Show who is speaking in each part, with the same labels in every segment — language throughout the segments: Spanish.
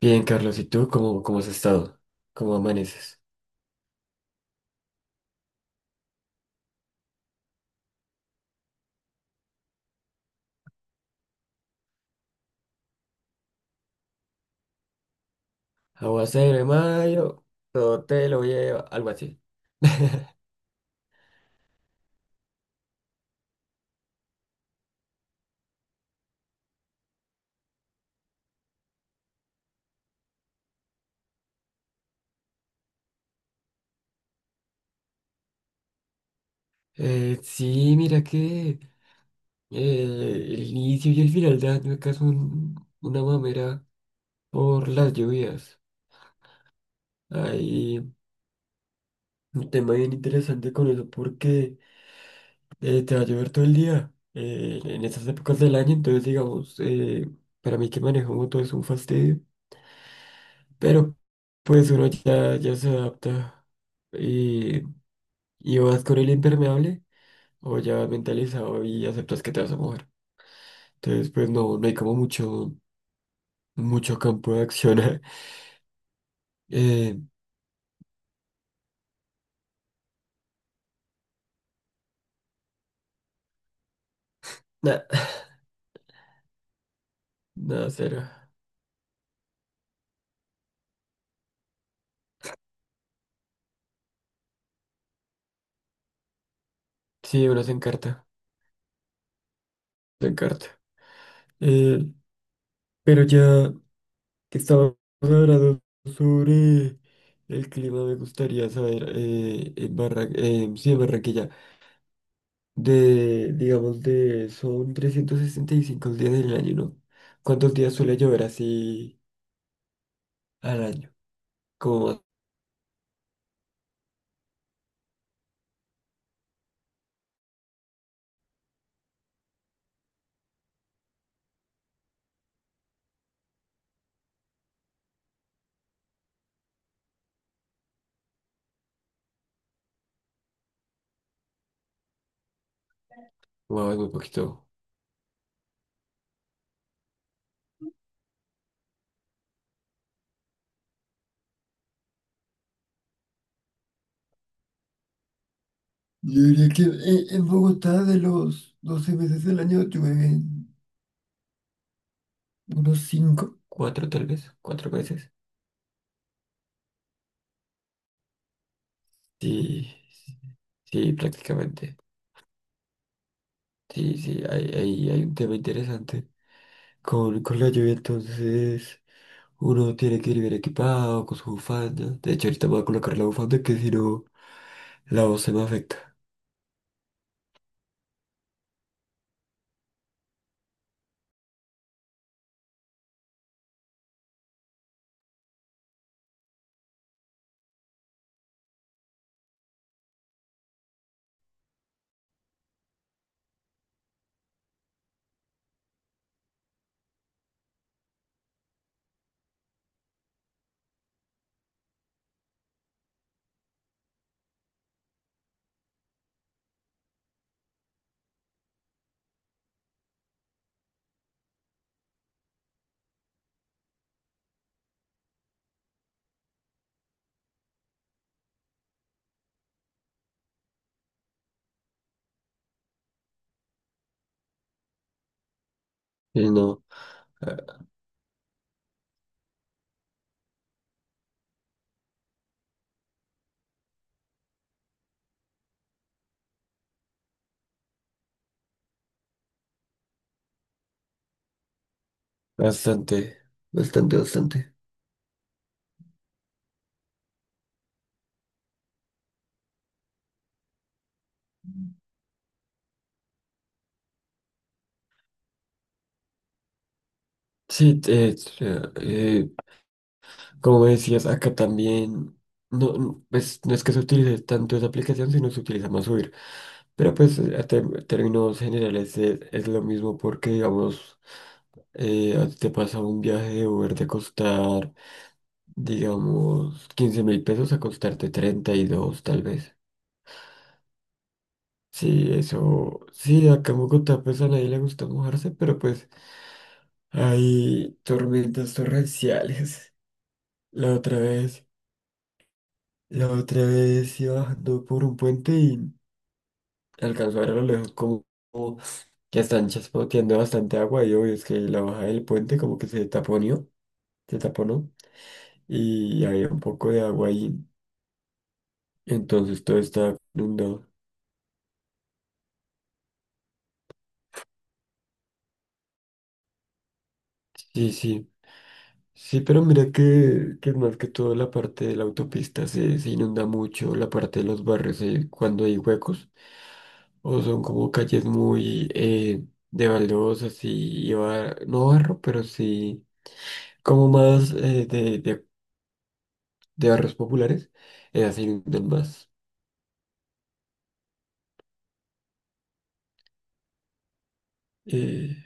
Speaker 1: Bien, Carlos, ¿y tú cómo has estado? ¿Cómo amaneces? Aguacero de mayo, todo te lo lleva, algo así. Sí, mira que eh, el inicio y el final de año acá son una mamera por las lluvias. Hay un tema bien interesante con eso porque te va a llover todo el día en estas épocas del año, entonces digamos, para mí que manejo moto es un fastidio. Pero pues uno ya se adapta y, y vas con el impermeable o ya vas mentalizado y aceptas que te vas a mojar. Entonces pues no hay como mucho campo de acción. eh, nada, nada, cero. Sí, uno se encarta, se encarta. Eh, pero ya que estamos hablando sobre el clima, me gustaría saber sí, en Barranquilla. Digamos, son 365 días del año, ¿no? ¿Cuántos días suele llover así al año? Como más- wow, es muy poquito. Yo diría que en Bogotá de los 12 meses del año llueven unos 5 4 tal vez, 4 meses. Sí, sí, sí, prácticamente. Sí, sí, hay un tema interesante con la lluvia, entonces uno tiene que ir bien equipado, con su bufanda. De hecho, ahorita me voy a colocar la bufanda que si no. La voz se me afecta. Y no, eh, bastante, bastante, bastante. Sí, eh, como me decías, acá también, no, no, pues, no es que se utilice tanto esa aplicación, sino se utiliza más Uber. Pero pues términos generales es lo mismo porque, digamos, a ti te pasa un viaje de Uber de costar, digamos, 15.000 pesos a costarte 32, tal vez. Sí, eso, sí, acá en Bogotá pues a nadie le gusta mojarse. Hay tormentas torrenciales. La otra vez, la otra vez, iba bajando por un puente y alcanzó a ver a lo lejos como que están chaspoteando bastante agua y obvio es que la baja del puente como que se taponió, se taponó y había un poco de agua ahí. Entonces todo estaba inundado. Sí, sí. Sí, pero mira que más que todo la parte de la autopista se inunda mucho, la parte de los barrios, cuando hay huecos. O son como calles muy de baldosas y no barro, pero sí como más de barrios populares, así inundan más. Eh,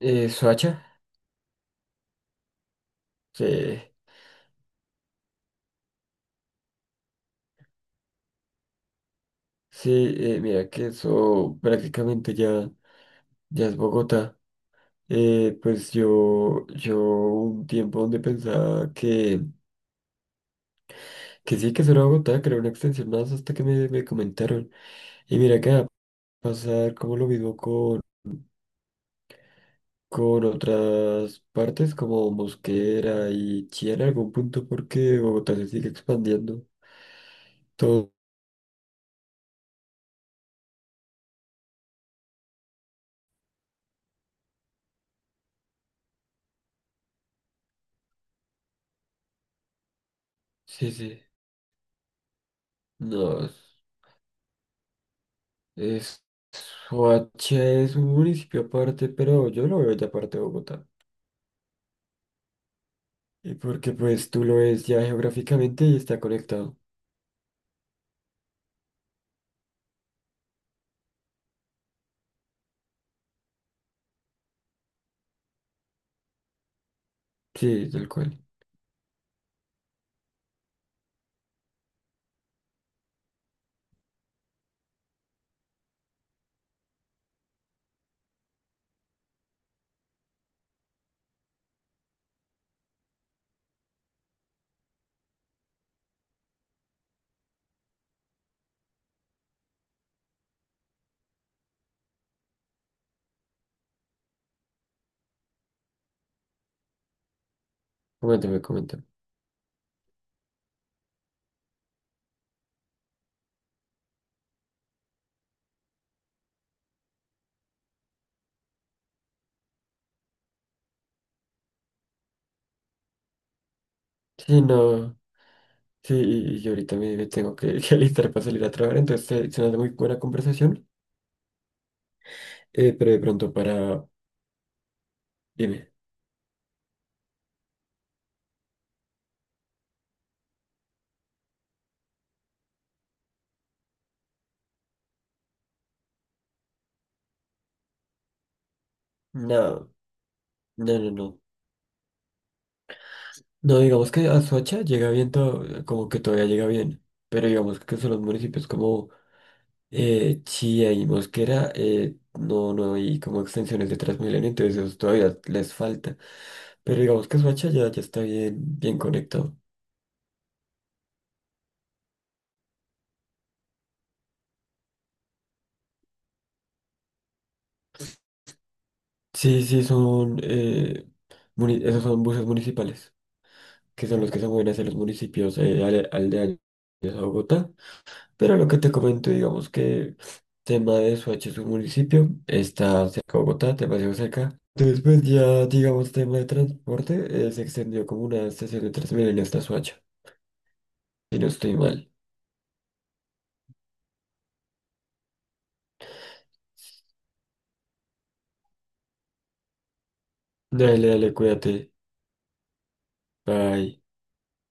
Speaker 1: Soacha, sí, sí, mira que eso prácticamente ya es Bogotá. Pues yo un tiempo donde pensaba que sí, que eso era Bogotá, que era una extensión más hasta que me comentaron. Y mira que va a pasar como lo mismo con otras partes como Mosquera y Chía en algún punto porque Bogotá se sigue expandiendo. Todo. Sí, sí. No, es- Soacha es un municipio aparte, pero yo lo veo ya aparte de Bogotá. Y porque pues tú lo ves ya geográficamente y está conectado. Sí, tal cual. Coméntame, coméntame. Sí, no. Sí, y yo ahorita me tengo que, que alistar para salir a trabajar, entonces se me hace muy buena conversación. Pero de pronto para. Dime. No. No, no, no. No, digamos que Azuacha llega bien, como que todavía llega bien, pero digamos que son los municipios como Chía y Mosquera, no hay como extensiones de Transmilenio, entonces eso todavía les falta. Pero digamos que Azuacha ya está bien, bien conectado. Sí, sí, son, esos son buses municipales, que son los que se mueven hacia los municipios aldeanos a Bogotá, pero lo que te comento, digamos que tema de Soacha es un municipio, está cerca de Bogotá, demasiado cerca. Entonces, pues ya, digamos, tema de transporte, se extendió como una estación de Transmilenio hasta Soacha, si no estoy mal. Dale, dale, cuídate. Bye.